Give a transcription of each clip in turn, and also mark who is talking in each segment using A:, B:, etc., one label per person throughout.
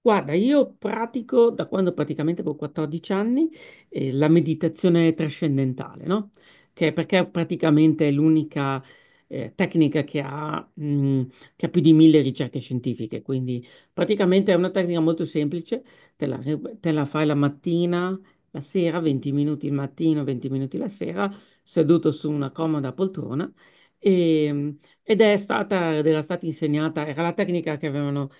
A: Guarda, io pratico da quando praticamente avevo 14 anni, la meditazione trascendentale, no? Che perché è praticamente l'unica tecnica che ha più di 1000 ricerche scientifiche. Quindi praticamente è una tecnica molto semplice, te la, te la fai la mattina, la sera, 20 minuti il mattino, 20 minuti la sera, seduto su una comoda poltrona. E, ed era stata insegnata, era la tecnica che avevano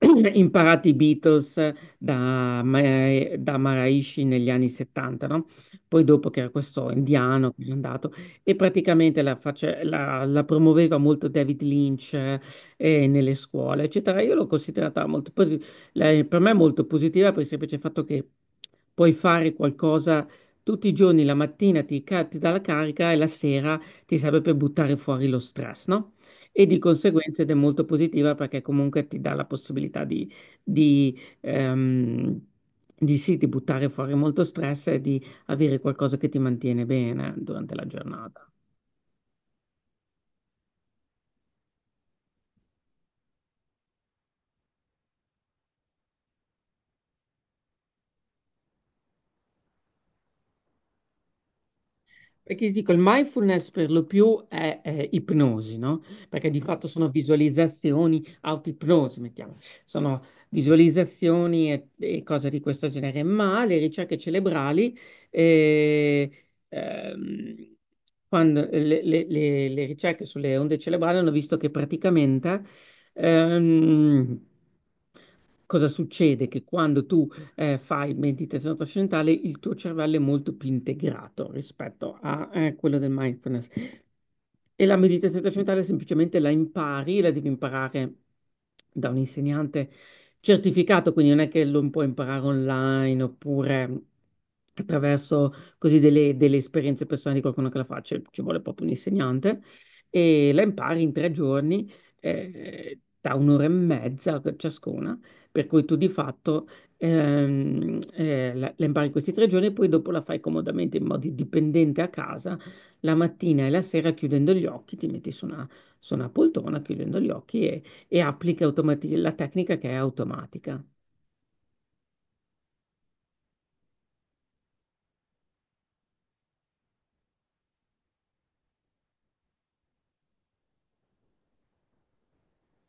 A: imparato i Beatles da Maharishi negli anni 70, no? Poi, dopo, che era questo indiano che è andato e praticamente la promuoveva molto David Lynch nelle scuole, eccetera. Io l'ho considerata molto, per me molto positiva, per il semplice fatto che puoi fare qualcosa tutti i giorni: la mattina ti dà la carica e la sera ti serve per buttare fuori lo stress, no? E di conseguenza ed è molto positiva perché comunque ti dà la possibilità di, ehm, di buttare fuori molto stress e di avere qualcosa che ti mantiene bene durante la giornata. Perché ti dico, il mindfulness per lo più è ipnosi, no? Perché di fatto sono visualizzazioni, autoipnosi, mettiamo, sono visualizzazioni e cose di questo genere, ma le ricerche cerebrali, eh, ehm, quando le ricerche sulle onde cerebrali hanno visto che praticamente, ehm, cosa succede? Che quando tu fai meditazione trascendentale, il tuo cervello è molto più integrato rispetto a quello del mindfulness. E la meditazione trascendentale semplicemente la impari, la devi imparare da un insegnante certificato, quindi non è che lo puoi imparare online, oppure attraverso così delle esperienze personali di qualcuno che la faccia. Ci vuole proprio un insegnante e la impari in tre giorni da un'ora e mezza ciascuna, per cui tu di fatto la impari in questi tre giorni e poi dopo la fai comodamente, in modo dipendente a casa, la mattina e la sera, chiudendo gli occhi. Ti metti su una, poltrona, chiudendo gli occhi, e applichi la tecnica, che è automatica.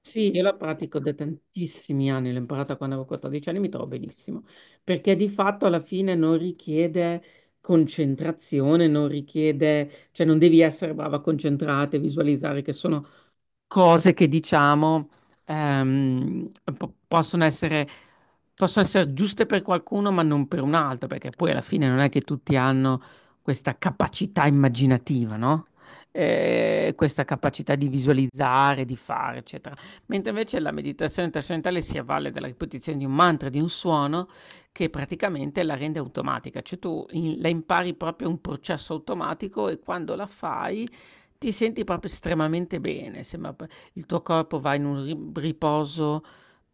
A: Sì, io la pratico da tantissimi anni, l'ho imparata quando avevo 14 anni, mi trovo benissimo, perché di fatto alla fine non richiede concentrazione, non richiede, cioè non devi essere brava a concentrarti, visualizzare, che sono cose che diciamo ehm, po- possono essere, possono essere giuste per qualcuno, ma non per un altro, perché poi alla fine non è che tutti hanno questa capacità immaginativa, no? Questa capacità di visualizzare, di fare, eccetera. Mentre invece la meditazione trascendentale si avvale della ripetizione di un mantra, di un suono che praticamente la rende automatica, cioè tu la impari proprio, un processo automatico, e quando la fai ti senti proprio estremamente bene. Sembra p il tuo corpo va in un ri riposo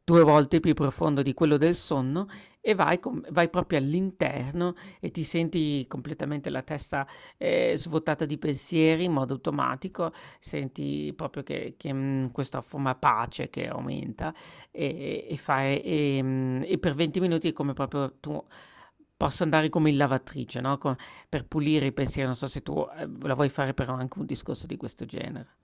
A: 2 volte più profondo di quello del sonno, e vai proprio all'interno e ti senti completamente la testa, svuotata di pensieri in modo automatico. Senti proprio che questa forma, pace, che aumenta, e per 20 minuti è come proprio tu possa andare come in lavatrice, no, co per pulire i pensieri. Non so se tu la vuoi fare, però anche un discorso di questo genere.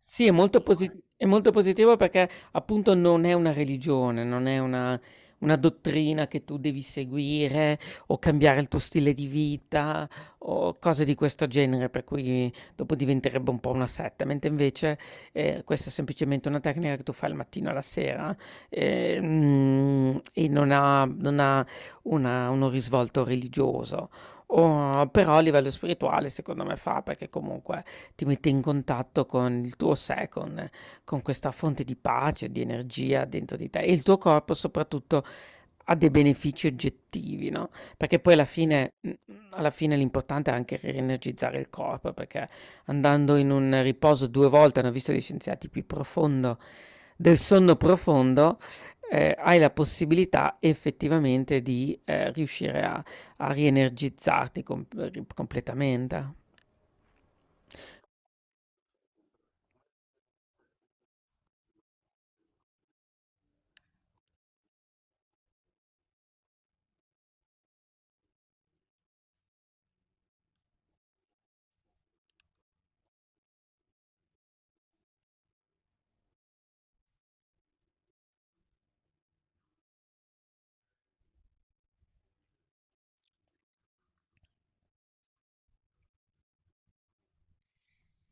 A: Sì, è molto Secondo posi me. È molto positivo perché appunto non è una religione, non è una dottrina che tu devi seguire o cambiare il tuo stile di vita o cose di questo genere, per cui dopo diventerebbe un po' una setta. Mentre invece questa è semplicemente una tecnica che tu fai al mattino e alla sera e non ha uno risvolto religioso. Però a livello spirituale secondo me fa, perché comunque ti mette in contatto con il tuo sé, con questa fonte di pace, di energia dentro di te, e il tuo corpo soprattutto ha dei benefici oggettivi, no? Perché poi alla fine l'importante è anche rienergizzare il corpo, perché andando in un riposo 2 volte, hanno visto gli scienziati, più profondo del sonno profondo, hai la possibilità effettivamente di, riuscire a rienergizzarti completamente.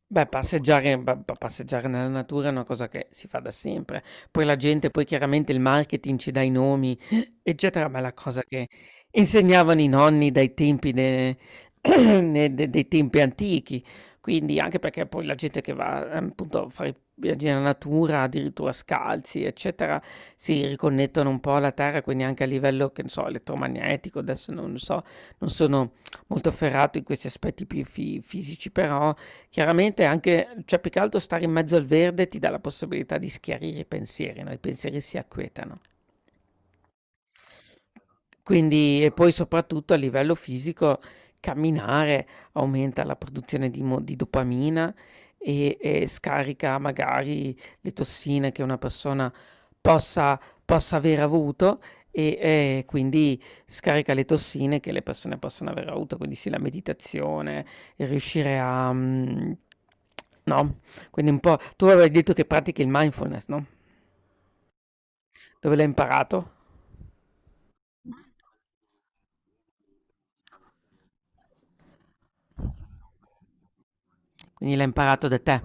A: Beh, passeggiare pa pa passeggiare nella natura è una cosa che si fa da sempre. Poi la gente, poi chiaramente il marketing ci dà i nomi, eccetera, ma è la cosa che insegnavano i nonni dai tempi de ne de dei tempi antichi. Quindi anche perché poi la gente che va, appunto, a fare i viaggi nella natura, addirittura scalzi, eccetera, si riconnettono un po' alla terra, quindi anche a livello, che ne so, elettromagnetico. Adesso non so, non sono molto ferrato in questi aspetti più fi fisici, però chiaramente anche, cioè più che altro, stare in mezzo al verde ti dà la possibilità di schiarire i pensieri, no, i pensieri si acquietano. Quindi, e poi soprattutto a livello fisico, camminare aumenta la produzione di dopamina e scarica magari le tossine che una persona possa aver avuto e, quindi scarica le tossine che le persone possono aver avuto. Quindi sì, la meditazione, il riuscire a mhmm, no, quindi un po', tu avevi detto che pratichi il mindfulness, no? Dove l'hai imparato? Quindi l'ha imparato da te.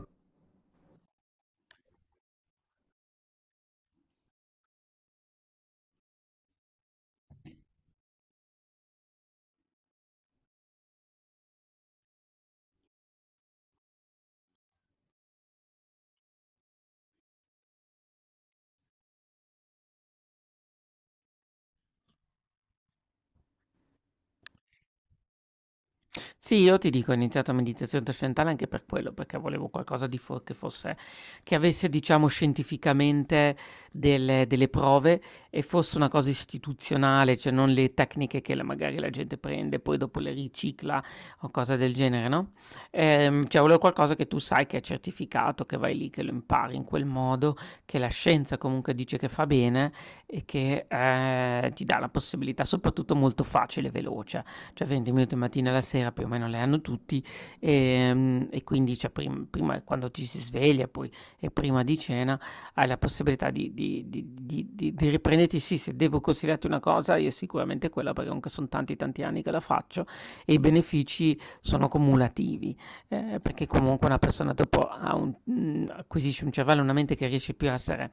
A: Sì, io ti dico, ho iniziato a meditazione trascendentale anche per quello, perché volevo qualcosa di fo che fosse che avesse, diciamo, scientificamente delle prove, e fosse una cosa istituzionale, cioè non le tecniche che la magari la gente prende, poi dopo le ricicla o cose del genere, no, cioè volevo qualcosa che tu sai che è certificato, che vai lì, che lo impari in quel modo, che la scienza comunque dice che fa bene, e che, ti dà la possibilità, soprattutto molto facile e veloce, cioè 20 minuti mattina alla sera più o meno le hanno tutti. E, quindi, cioè, prima, quando ci si sveglia poi, e prima di cena, hai la possibilità di riprenderti. Sì, se devo consigliarti una cosa, io sicuramente quella, perché comunque sono tanti tanti anni che la faccio, e i benefici sono cumulativi perché comunque una persona dopo acquisisce un cervello, una mente, che riesce più a essere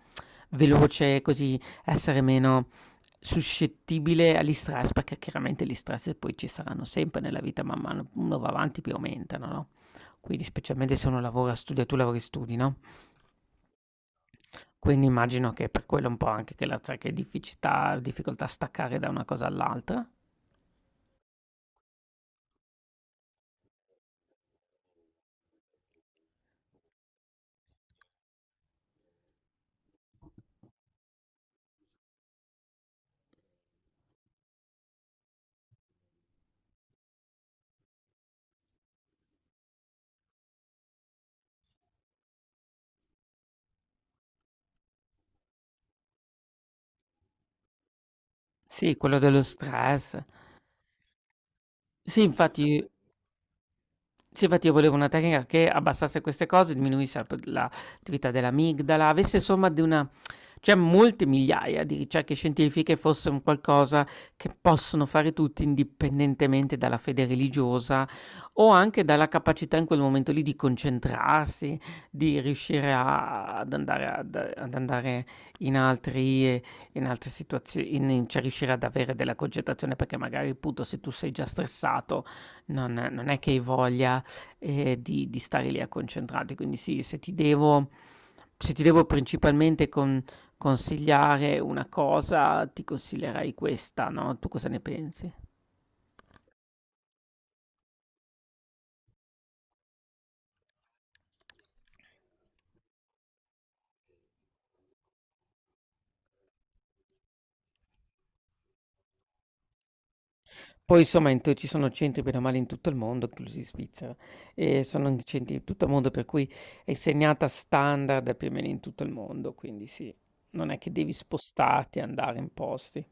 A: veloce, così essere meno suscettibile agli stress, perché chiaramente gli stress poi ci saranno sempre nella vita, man mano uno va avanti più aumentano, no? Quindi, specialmente se uno lavora, studia, tu lavori e studi, no? Quindi immagino che per quello un po' anche che la cioè, che difficoltà, difficoltà a staccare da una cosa all'altra. Sì, quello dello stress. Sì, infatti Sì, infatti, io volevo una tecnica che abbassasse queste cose, diminuisse la p l'attività dell'amigdala, avesse somma di una cioè molte migliaia di ricerche scientifiche, fosse un qualcosa che possono fare tutti indipendentemente dalla fede religiosa o anche dalla capacità in quel momento lì di concentrarsi, di riuscire a ad andare ad ad andare in altri ehm, in altre situazio in in cioè riuscire ad avere della concentrazione, perché magari appunto, se tu sei già stressato, non è che hai voglia , di stare lì a concentrarti. Quindi sì, se ti devo principalmente consigliare una cosa, ti consiglierei questa, no, tu cosa ne pensi? Poi insomma in te ci sono centri bene o male in tutto il mondo, inclusi in Svizzera, e sono in centri in tutto il mondo, per cui è segnata standard più o meno in tutto il mondo, quindi sì, non è che devi spostarti e andare in posti.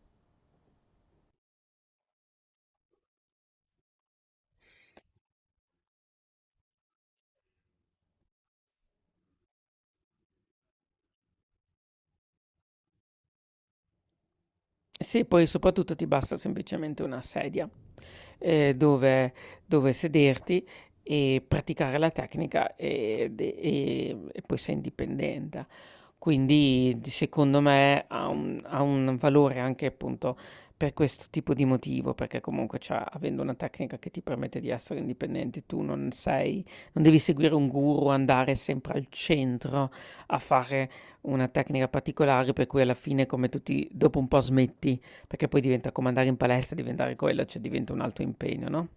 A: Sì, poi soprattutto ti basta semplicemente una sedia eh, dove, dove, sederti e praticare la tecnica, e poi sei indipendente. Quindi secondo me ha un valore anche appunto per questo tipo di motivo, perché comunque avendo una tecnica che ti permette di essere indipendente, tu non sei, non devi seguire un guru, andare sempre al centro a fare una tecnica particolare, per cui alla fine come tutti dopo un po' smetti, perché poi diventa come andare in palestra, diventare quello, cioè diventa un altro impegno, no?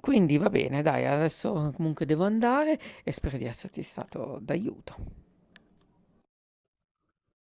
A: Quindi va bene, dai, adesso comunque devo andare e spero di esserti stato d'aiuto.